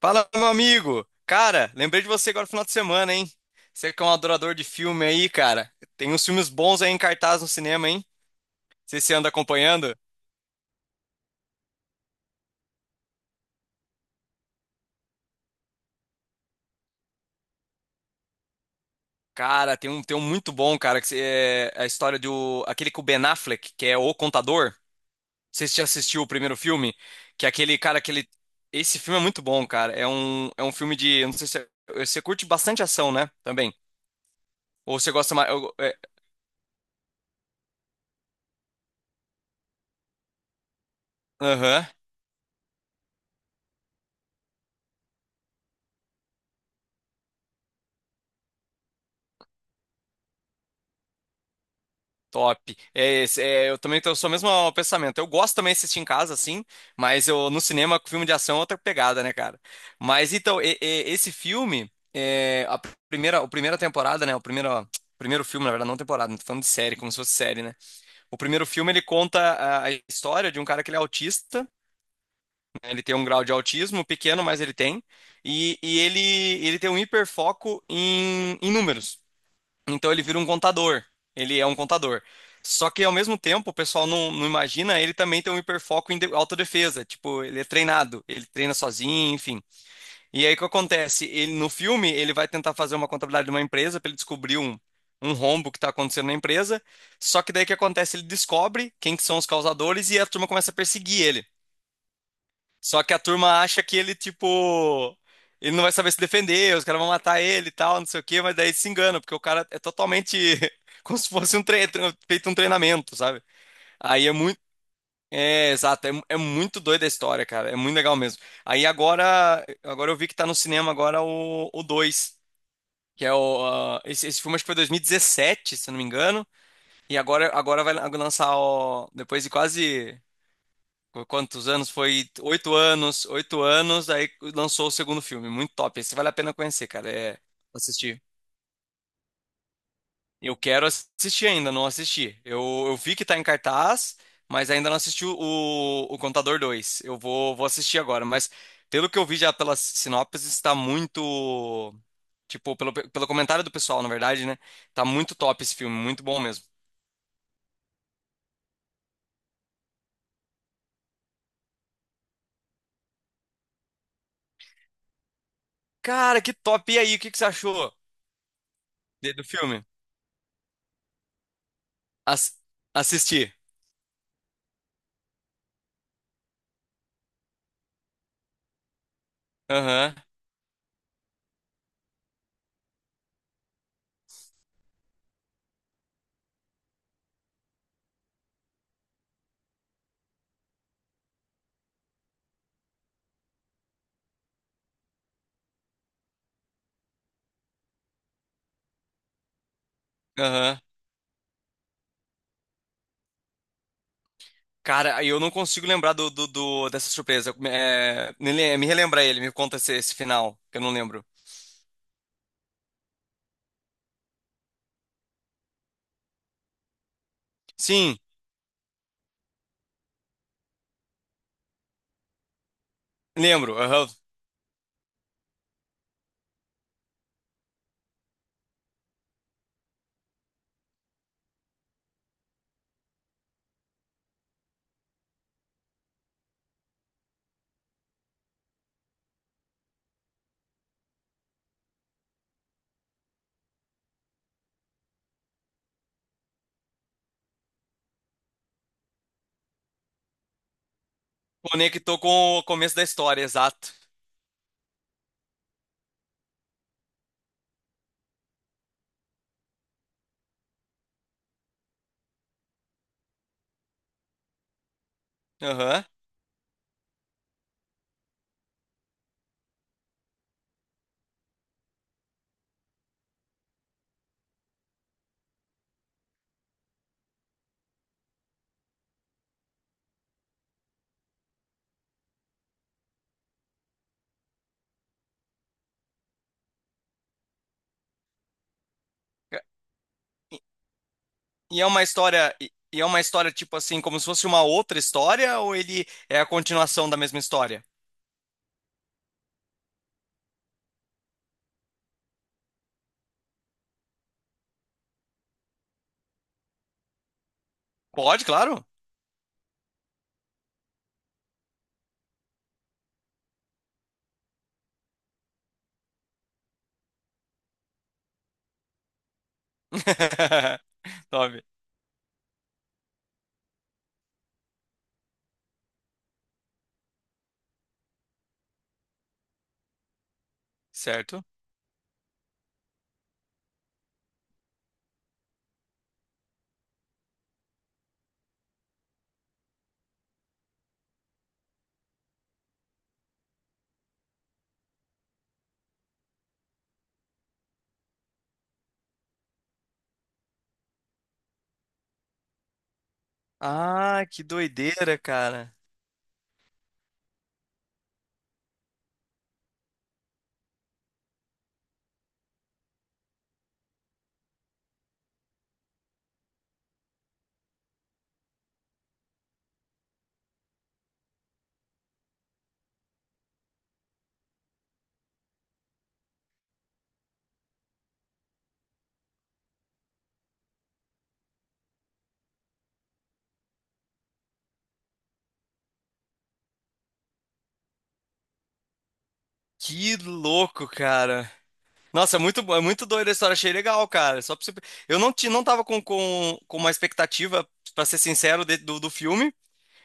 Fala, meu amigo! Cara, lembrei de você agora no final de semana, hein? Você que é um adorador de filme aí, cara. Tem uns filmes bons aí em cartaz no cinema, hein? Não sei se você anda acompanhando. Cara, tem um muito bom, cara, que é a história do... Aquele com o Ben Affleck, que é O Contador. Não sei se você já assistiu o primeiro filme, que é aquele, cara, aquele... Esse filme é muito bom, cara. É um filme de... eu não sei se você curte bastante ação, né? Também. Ou você gosta mais... Aham. Top. É, é, eu também tenho o mesmo pensamento. Eu gosto também de assistir em casa, assim, mas eu no cinema, com filme de ação é outra pegada, né, cara? Mas então, esse filme, é, a primeira temporada, né? O primeiro, ó, primeiro filme, na verdade, não temporada, não tô falando de série, como se fosse série, né? O primeiro filme ele conta a história de um cara que ele é autista, né. Ele tem um grau de autismo pequeno, mas ele tem, e, e ele, ele tem um hiperfoco em números. Então ele vira um contador. Ele é um contador. Só que ao mesmo tempo, o pessoal não imagina, ele também tem um hiperfoco em autodefesa. Tipo, ele é treinado, ele treina sozinho, enfim. E aí o que acontece? Ele no filme, ele vai tentar fazer uma contabilidade de uma empresa para ele descobrir um rombo que está acontecendo na empresa. Só que daí o que acontece? Ele descobre quem que são os causadores e a turma começa a perseguir ele. Só que a turma acha que ele, tipo, ele não vai saber se defender, os caras vão matar ele e tal, não sei o quê, mas daí se engana, porque o cara é totalmente como se fosse um feito um treinamento, sabe? Aí é muito. É, exato, é, é muito doida a história, cara. É muito legal mesmo. Aí agora, agora eu vi que tá no cinema agora o 2, que é o. Ah, esse filme acho que foi 2017, se eu não me engano. E agora, agora vai lançar o. Depois de quase. Quantos anos? Foi oito anos, aí lançou o segundo filme. Muito top. Esse vale a pena conhecer, cara. É assistir. Eu quero assistir ainda, não assisti. Eu vi que tá em cartaz, mas ainda não assisti o Contador 2. Eu vou, vou assistir agora, mas pelo que eu vi já pelas sinopses, está muito. Tipo, pelo comentário do pessoal, na verdade, né? Tá muito top esse filme, muito bom mesmo. Cara, que top! E aí, o que que você achou do filme? As, assisti. Aham, aham. Cara, eu não consigo lembrar dessa surpresa. É, me relembra ele, me conta esse final, que eu não lembro. Sim, lembro. Aham. Conectou com o começo da história, exato. Aham. E, e é uma história tipo assim, como se fosse uma outra história, ou ele é a continuação da mesma história? Pode, claro. Top, certo? Ah, que doideira, cara. Que louco, cara. Nossa, é muito doida a história, achei legal, cara. Só pra você... Eu não, não tava com, com uma expectativa, pra ser sincero, do, do filme,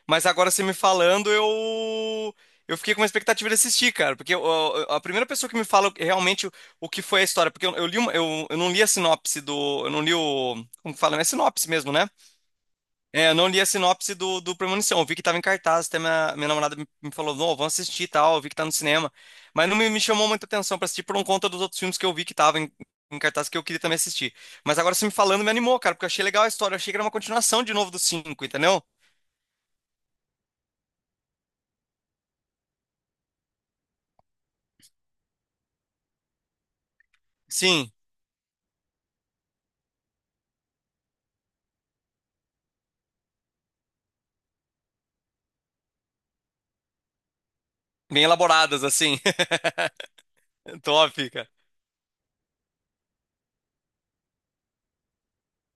mas agora você me falando, eu fiquei com uma expectativa de assistir, cara. Porque a primeira pessoa que me fala realmente o que foi a história, porque eu, eu não li a sinopse do. Eu não li o. Como que fala? É sinopse mesmo, né? É, eu não li a sinopse do Premonição. Eu vi que tava em cartaz, até minha namorada me falou, não, vamos assistir e tal, eu vi que tá no cinema. Mas não me chamou muita atenção pra assistir por um conta dos outros filmes que eu vi que tava em, em cartaz que eu queria também assistir. Mas agora você me falando me animou, cara, porque eu achei legal a história. Eu achei que era uma continuação de novo do cinco, entendeu? Sim, bem elaboradas, assim. Top, cara.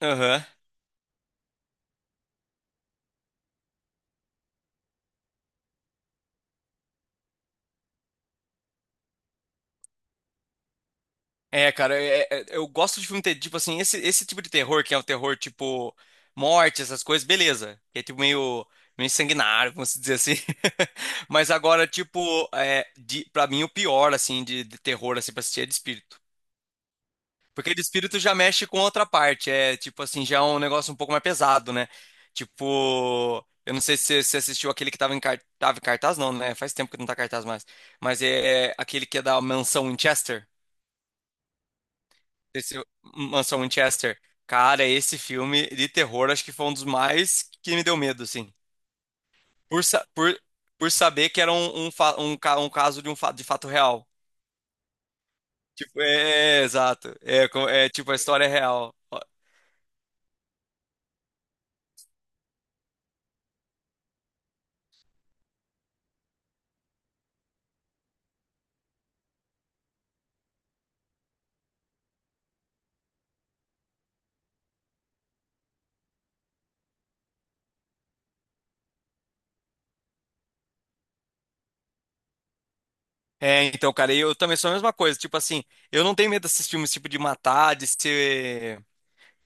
Aham. É, cara, é, eu gosto de filme ter, tipo assim, esse tipo de terror, que é o terror tipo morte, essas coisas, beleza. Que é tipo meio, meio sanguinário, vamos dizer assim. Mas agora, tipo, é, de, pra mim o pior, assim, de terror, assim, pra assistir é de espírito. Porque de espírito já mexe com outra parte, é tipo assim, já é um negócio um pouco mais pesado, né? Tipo, eu não sei se você assistiu aquele que tava em, tava em cartaz, não, né? Faz tempo que não tá em cartaz mais. Mas é, é aquele que é da mansão Winchester. Esse Mansão Winchester. Cara, esse filme de terror acho que foi um dos mais que me deu medo, assim. Por, sa- por, por saber que era um caso de um fato, de fato real. Tipo, é, é, exato. É, é tipo, a história é real. É, então, cara, eu também sou a mesma coisa. Tipo assim, eu não tenho medo desses filmes, tipo, de matar, de ser.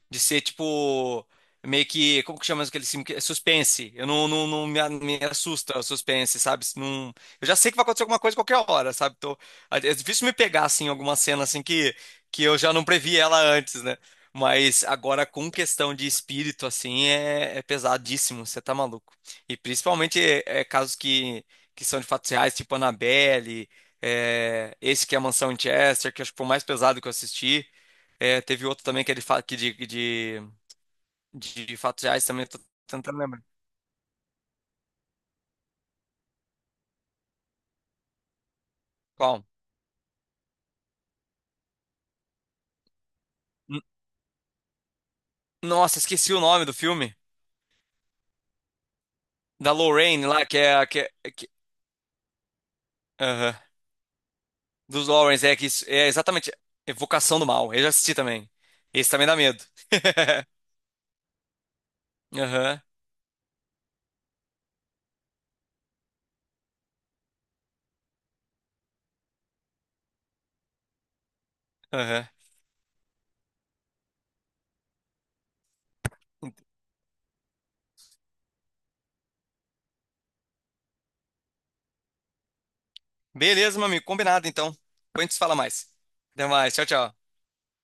De ser tipo. Meio que. Como que chama aquele filme? Que é Suspense. Eu não, não me assusta o suspense, sabe? Se não, eu já sei que vai acontecer alguma coisa a qualquer hora, sabe? Então, é é difícil me pegar, assim, alguma cena assim que eu já não previ ela antes, né? Mas agora, com questão de espírito, assim, é, é pesadíssimo, você tá maluco. E principalmente é, é casos que são de fatos reais, tipo Annabelle, é, esse que é a Mansão em Chester, que acho que foi o mais pesado que eu assisti. É, teve outro também que ele fala que de fatos reais também, tô tentando lembrar. Qual? N- Nossa, esqueci o nome do filme. Da Lorraine lá, que é. Aham. Dos Lawrence, é que é exatamente Evocação do Mal. Eu já assisti também. Esse também dá medo. Aham, aham. Beleza, meu amigo, combinado então. Depois a gente se fala mais. Até mais, tchau, tchau.